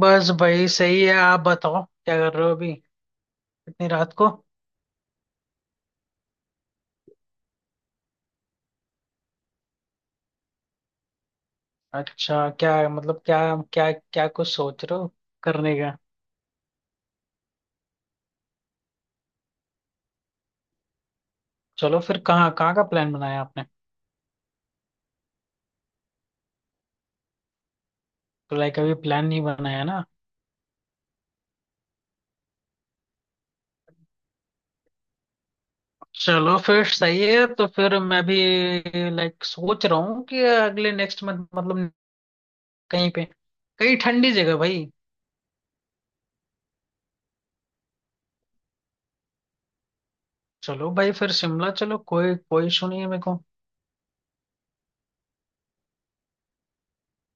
बस भाई सही है। आप बताओ क्या कर रहे हो अभी इतनी रात को। अच्छा, क्या क्या कुछ सोच रहे हो करने का। चलो, फिर कहाँ कहाँ का प्लान बनाया आपने। तो लाइक अभी प्लान नहीं बनाया ना। चलो फिर सही है, तो फिर मैं भी लाइक सोच रहा हूँ कि अगले नेक्स्ट मंथ मतलब कहीं पे, कहीं ठंडी जगह भाई। चलो भाई फिर शिमला चलो। कोई कोई इशू नहीं है मेरे को।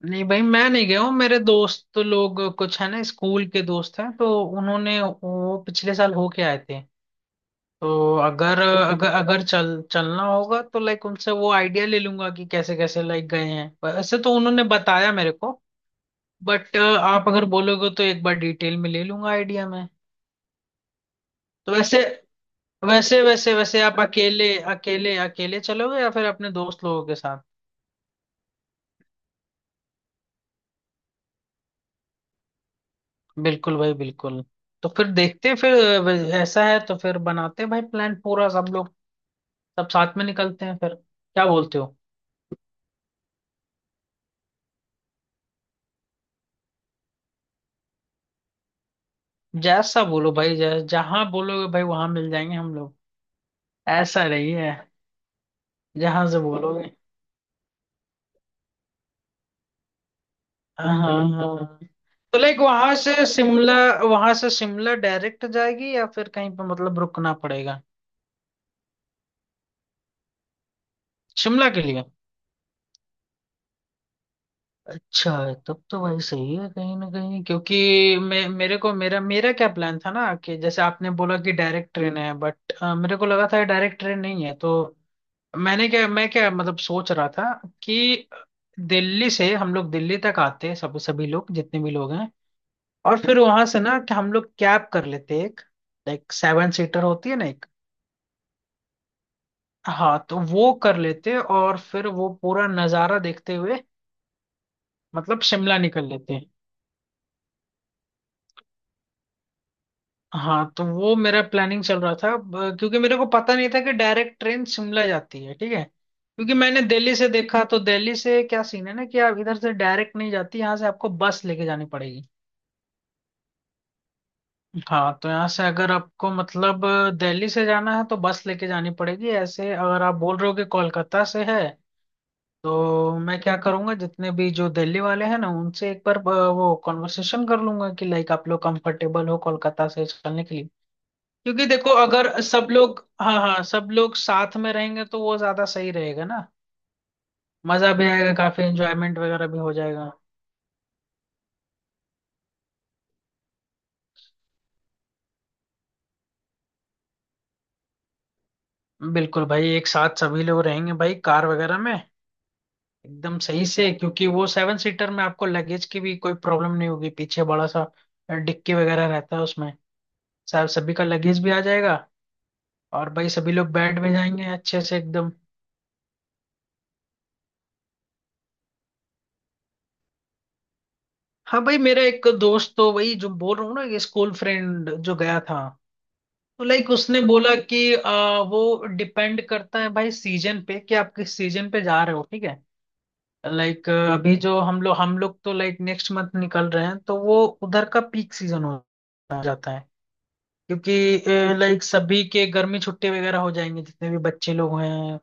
नहीं भाई मैं नहीं गया हूँ। मेरे दोस्त तो लोग कुछ है ना, स्कूल के दोस्त हैं तो उन्होंने वो पिछले साल होके आए थे। तो अगर अगर अगर चल चलना होगा तो लाइक उनसे वो आइडिया ले लूंगा कि कैसे कैसे लाइक गए हैं। वैसे तो उन्होंने बताया मेरे को। बट आप अगर बोलोगे तो एक बार डिटेल में ले लूंगा आइडिया में। तो वैसे वैसे वैसे वैसे आप अकेले अकेले अकेले चलोगे या फिर अपने दोस्त लोगों के साथ। बिल्कुल भाई बिल्कुल। तो फिर देखते हैं फिर। ऐसा है तो फिर बनाते हैं भाई प्लान पूरा। सब लोग सब साथ में निकलते हैं फिर, क्या बोलते हो। जैसा बोलो भाई, जहाँ बोलोगे भाई वहां मिल जाएंगे हम लोग। ऐसा नहीं है। जहां से बोलोगे। हाँ, हाँ, हाँ। हाँ। तो लाइक वहां से शिमला, वहां से शिमला डायरेक्ट जाएगी या फिर कहीं पे मतलब रुकना पड़ेगा, शिमला के लिए। अच्छा है, तब तो भाई सही है कहीं ना कहीं। क्योंकि मैं मेरे को मेरा मेरा क्या प्लान था ना कि जैसे आपने बोला कि डायरेक्ट ट्रेन है बट मेरे को लगा था डायरेक्ट ट्रेन नहीं है। तो मैंने क्या मैं क्या मतलब सोच रहा था कि दिल्ली से हम लोग दिल्ली तक आते हैं, सब सभी लोग जितने भी लोग हैं, और फिर वहां से ना कि हम लोग कैब कर लेते एक, लाइक सेवन सीटर होती है ना एक। हाँ, तो वो कर लेते और फिर वो पूरा नज़ारा देखते हुए, मतलब शिमला निकल लेते। हाँ तो वो मेरा प्लानिंग चल रहा था, क्योंकि मेरे को पता नहीं था कि डायरेक्ट ट्रेन शिमला जाती है, ठीक है। क्योंकि मैंने दिल्ली से देखा तो दिल्ली से क्या सीन है ना कि आप इधर से डायरेक्ट नहीं जाती, यहाँ से आपको बस लेके जानी पड़ेगी। हाँ तो यहाँ से अगर आपको मतलब दिल्ली से जाना है तो बस लेके जानी पड़ेगी। ऐसे अगर आप बोल रहे हो कि कोलकाता से है, तो मैं क्या करूंगा जितने भी जो दिल्ली वाले हैं ना उनसे एक बार वो कॉन्वर्सेशन कर लूंगा कि लाइक आप लोग कंफर्टेबल हो कोलकाता से चलने के लिए। क्योंकि देखो अगर सब लोग, हाँ हाँ, सब लोग साथ में रहेंगे तो वो ज्यादा सही रहेगा ना। मजा भी आएगा, काफी एंजॉयमेंट वगैरह भी हो जाएगा। बिल्कुल भाई, एक साथ सभी लोग रहेंगे भाई, कार वगैरह में एकदम सही से। क्योंकि वो सेवन सीटर में आपको लगेज की भी कोई प्रॉब्लम नहीं होगी, पीछे बड़ा सा डिक्की वगैरह रहता है उसमें। सब सभी का लगेज भी आ जाएगा, और भाई सभी लोग बैठ भी जाएंगे अच्छे से एकदम। हाँ भाई, मेरा एक दोस्त तो वही जो बोल रहा हूँ ना, ये स्कूल फ्रेंड जो गया था, तो लाइक उसने बोला कि वो डिपेंड करता है भाई सीजन पे कि आप किस सीजन पे जा रहे हो, ठीक है। लाइक अभी जो हम लोग तो लाइक नेक्स्ट मंथ निकल रहे हैं, तो वो उधर का पीक सीजन हो जाता है। क्योंकि लाइक सभी के गर्मी छुट्टी वगैरह हो जाएंगे, जितने भी बच्चे लोग हैं।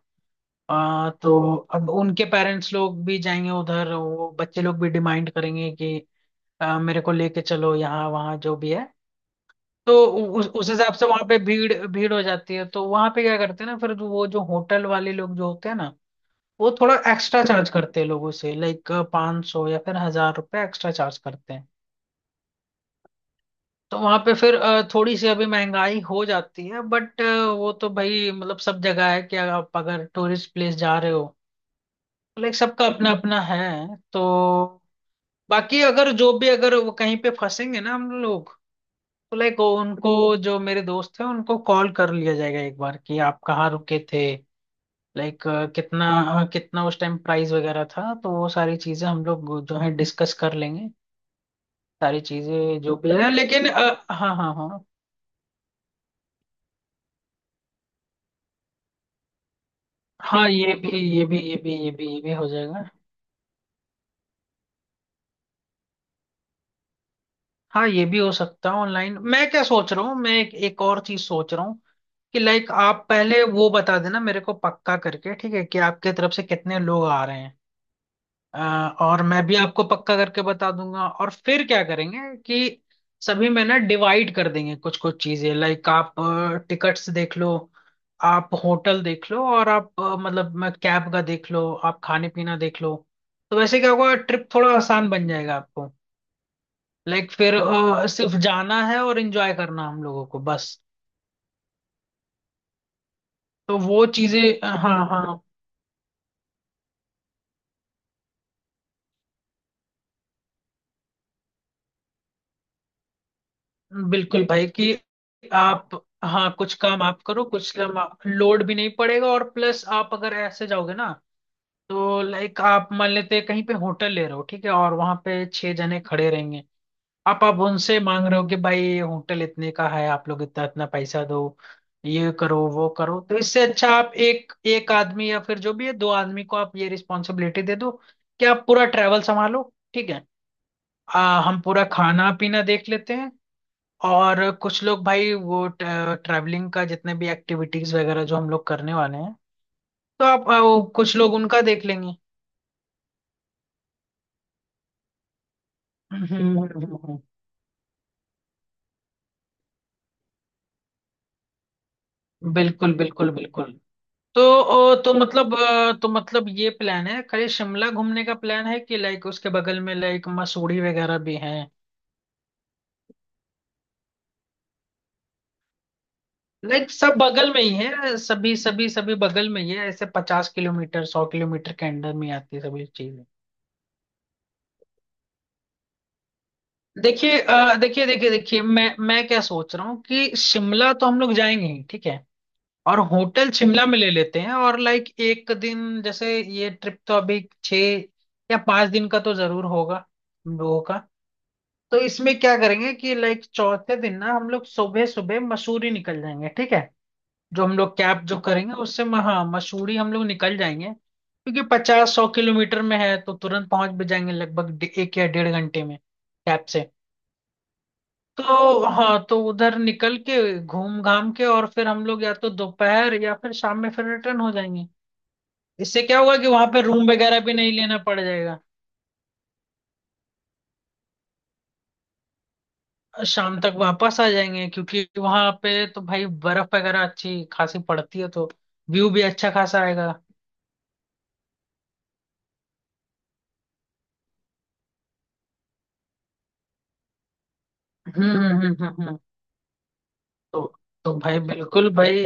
तो अब उनके पेरेंट्स लोग भी जाएंगे उधर, वो बच्चे लोग भी डिमांड करेंगे कि मेरे को लेके चलो यहाँ वहाँ, जो भी है। तो उस हिसाब से वहां पे भीड़ भीड़ हो जाती है। तो वहां पे क्या करते हैं ना, फिर वो जो होटल वाले लोग जो होते हैं ना, वो थोड़ा एक्स्ट्रा चार्ज करते हैं लोगों से, लाइक 500 या फिर 1,000 रुपए एक्स्ट्रा चार्ज करते हैं। तो वहां पे फिर थोड़ी सी अभी महंगाई हो जाती है, बट वो तो भाई मतलब सब जगह है कि आप अगर टूरिस्ट प्लेस जा रहे हो, लाइक सबका अपना अपना है। तो बाकी अगर जो भी अगर वो कहीं पे फंसेंगे ना हम लोग, तो लाइक उनको, जो मेरे दोस्त हैं उनको कॉल कर लिया जाएगा एक बार कि आप कहाँ रुके थे, लाइक कितना कितना उस टाइम प्राइस वगैरह था। तो वो सारी चीजें हम लोग जो है डिस्कस कर लेंगे, सारी चीजें जो भी है। लेकिन हाँ, हाँ, हाँ। हाँ ये भी हो जाएगा। हाँ ये भी हो सकता है ऑनलाइन। मैं क्या सोच रहा हूँ, मैं एक और चीज सोच रहा हूँ कि लाइक आप पहले वो बता देना मेरे को पक्का करके, ठीक है, कि आपके तरफ से कितने लोग आ रहे हैं। अ, और मैं भी आपको पक्का करके बता दूंगा, और फिर क्या करेंगे कि सभी में ना डिवाइड कर देंगे कुछ कुछ चीजें, लाइक आप टिकट्स देख लो, आप होटल देख लो, और आप मतलब मैं कैब का देख लो, आप खाने पीना देख लो। तो वैसे क्या होगा, ट्रिप थोड़ा आसान बन जाएगा आपको। लाइक फिर सिर्फ जाना है और एंजॉय करना हम लोगों को बस। तो वो चीजें, हाँ, हाँ, बिल्कुल भाई कि आप, हाँ कुछ काम आप करो, कुछ काम लोड भी नहीं पड़ेगा। और प्लस आप अगर ऐसे जाओगे ना, तो लाइक आप मान लेते हैं कहीं पे होटल ले रहे हो, ठीक है, और वहां पे छह जने खड़े रहेंगे। आप अब उनसे मांग रहे हो कि भाई होटल इतने का है, आप लोग इतना इतना पैसा दो, ये करो वो करो, तो इससे अच्छा आप एक एक आदमी या फिर जो भी है दो आदमी को आप ये रिस्पॉन्सिबिलिटी दे दो कि आप पूरा ट्रैवल संभालो, ठीक है। हम पूरा खाना पीना देख लेते हैं। और कुछ लोग भाई वो ट्रैवलिंग का जितने भी एक्टिविटीज वगैरह जो हम लोग करने वाले हैं, तो आप वो कुछ लोग उनका देख लेंगे। हम्म, हम्म, हम्म। बिल्कुल, बिल्कुल, बिल्कुल। तो ओ, तो मतलब अ, तो मतलब ये प्लान है, खाली शिमला घूमने का प्लान है कि लाइक उसके बगल में लाइक मसूरी वगैरह भी हैं। लाइक सब बगल में ही है, सभी सभी सभी बगल में ही है, ऐसे 50 किलोमीटर 100 किलोमीटर के अंडर में आती है सभी चीज। देखिए अ, देखिए देखिए देखिए, मैं क्या सोच रहा हूँ कि शिमला तो हम लोग जाएंगे ही, ठीक है। और होटल शिमला में ले लेते हैं, और लाइक एक दिन जैसे, ये ट्रिप तो अभी 6 या 5 दिन का तो जरूर होगा हम लोगों का। तो इसमें क्या करेंगे कि लाइक चौथे दिन ना हम लोग सुबह सुबह मसूरी निकल जाएंगे, ठीक है। जो हम लोग कैब जो करेंगे उससे हाँ मसूरी हम लोग निकल जाएंगे, क्योंकि 50-100 किलोमीटर में है तो तुरंत पहुंच भी जाएंगे, लगभग 1 या 1.5 घंटे में कैब से। तो हाँ, तो उधर निकल के घूम घाम के और फिर हम लोग या तो दोपहर या फिर शाम में फिर रिटर्न हो जाएंगे। इससे क्या होगा कि वहां पे रूम वगैरह भी नहीं लेना पड़ जाएगा। शाम तक वापस आ जाएंगे, क्योंकि वहां पे तो भाई बर्फ वगैरह अच्छी खासी पड़ती है, तो व्यू भी अच्छा खासा आएगा। हम्म, हम्म, हम्म, तो तो भाई बिल्कुल भाई,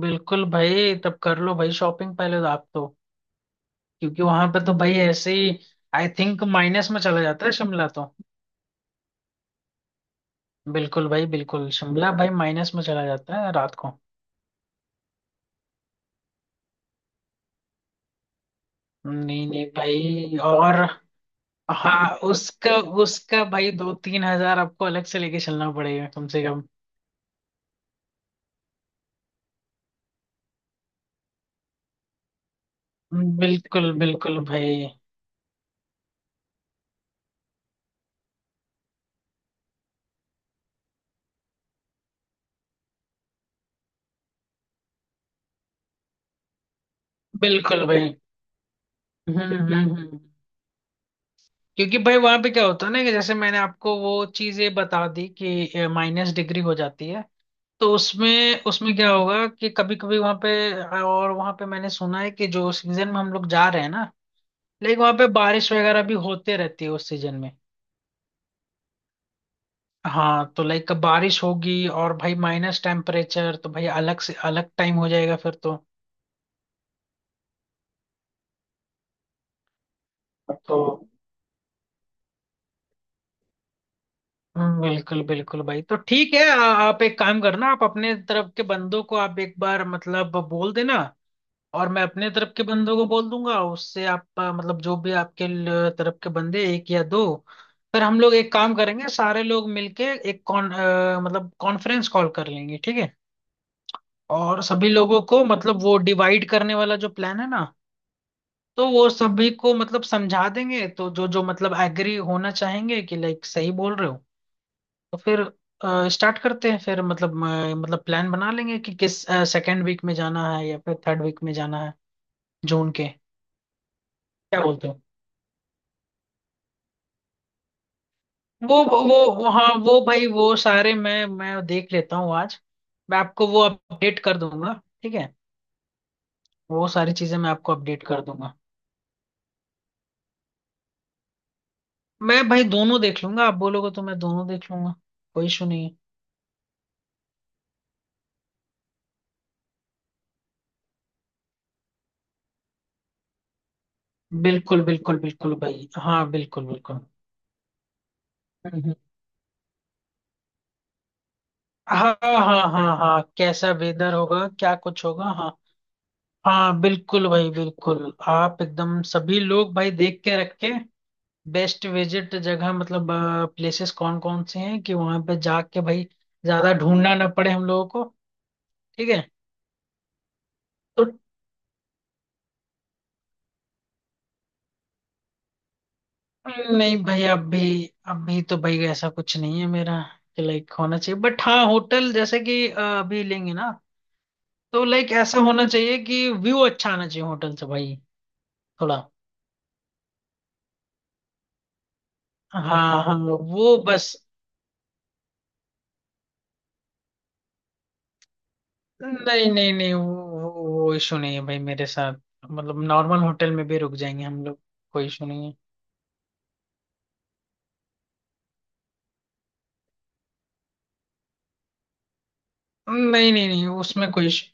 बिल्कुल भाई तब कर लो भाई शॉपिंग पहले तो, आप तो। क्योंकि वहां पे तो भाई ऐसे ही आई थिंक माइनस में चला जाता है शिमला तो। बिल्कुल भाई बिल्कुल, शिमला भाई माइनस में चला जाता है रात को। नहीं नहीं भाई। और हाँ उसका, भाई 2-3 हज़ार आपको अलग से लेके चलना पड़ेगा कम से कम। बिल्कुल, बिल्कुल भाई, बिल्कुल भाई। हम्म, हम्म, क्योंकि भाई वहां पे क्या होता है ना कि जैसे मैंने आपको वो चीजें बता दी कि माइनस डिग्री हो जाती है। तो उसमें उसमें क्या होगा कि कभी कभी वहां पे, और वहां पे मैंने सुना है कि जो सीजन में हम लोग जा रहे हैं ना, लाइक वहां पे बारिश वगैरह भी होते रहती है उस सीजन में। हाँ तो लाइक बारिश होगी, और भाई माइनस टेम्परेचर तो भाई अलग से अलग टाइम हो जाएगा फिर तो। तो बिल्कुल बिल्कुल भाई। तो ठीक है, आप एक काम करना, आप अपने तरफ के बंदों को आप एक बार मतलब बोल देना, और मैं अपने तरफ के बंदों को बोल दूंगा। उससे आप मतलब जो भी आपके तरफ के बंदे, एक या दो, फिर हम लोग एक काम करेंगे, सारे लोग मिलके एक मतलब कॉन्फ्रेंस कॉल कर लेंगे, ठीक है। और सभी लोगों को मतलब वो डिवाइड करने वाला जो प्लान है ना, तो वो सभी को मतलब समझा देंगे, तो जो जो मतलब एग्री होना चाहेंगे कि लाइक सही बोल रहे हो, तो फिर स्टार्ट करते हैं। फिर मतलब मतलब प्लान बना लेंगे कि किस सेकेंड वीक में जाना है या फिर थर्ड वीक में जाना है, जून के। क्या बोलते हो। वो वो हाँ वो भाई, वो सारे मैं देख लेता हूँ आज, मैं आपको वो अपडेट कर दूंगा, ठीक है। वो सारी चीजें मैं आपको अपडेट कर दूंगा। मैं भाई दोनों देख लूंगा, आप बोलोगे तो मैं दोनों देख लूंगा, कोई इशू नहीं। है बिल्कुल, बिल्कुल, बिल्कुल भाई, हाँ बिल्कुल बिल्कुल। हम्म, हम्म। हाँ, हाँ, हाँ, हाँ, कैसा वेदर होगा क्या कुछ होगा, हाँ। हाँ बिल्कुल भाई बिल्कुल, आप एकदम सभी लोग भाई देख के रख के, बेस्ट विजिट जगह मतलब प्लेसेस कौन कौन से हैं, कि वहां पे जाके भाई ज्यादा ढूंढना ना पड़े हम लोगों को, ठीक है। तो नहीं भाई अभी, अभी तो भाई ऐसा कुछ नहीं है मेरा कि लाइक होना चाहिए। बट हाँ होटल जैसे कि अभी लेंगे ना, तो लाइक ऐसा होना चाहिए कि व्यू अच्छा आना चाहिए होटल से भाई, थोड़ा। हाँ, हाँ। वो बस, नहीं, नहीं, नहीं। वो इशू नहीं है भाई मेरे साथ, मतलब नॉर्मल होटल में भी रुक जाएंगे हम लोग, कोई इशू नहीं है। नहीं, नहीं, नहीं, उसमें कोई इशू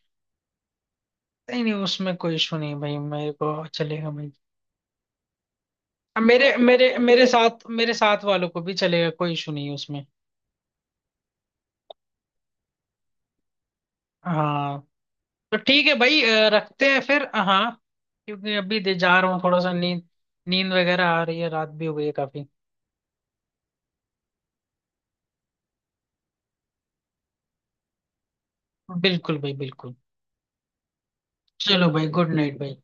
नहीं, नहीं उसमें कोई इशू नहीं है भाई, मेरे को चलेगा भाई। अब मेरे मेरे मेरे साथ वालों को भी चलेगा, कोई इशू नहीं है उसमें। हाँ, तो ठीक है भाई, रखते हैं फिर, हाँ। क्योंकि अभी दे जा रहा हूँ थोड़ा सा, नींद, नींद वगैरह आ रही है, रात भी हो गई है काफी। बिल्कुल भाई, बिल्कुल। चलो भाई, गुड नाइट भाई।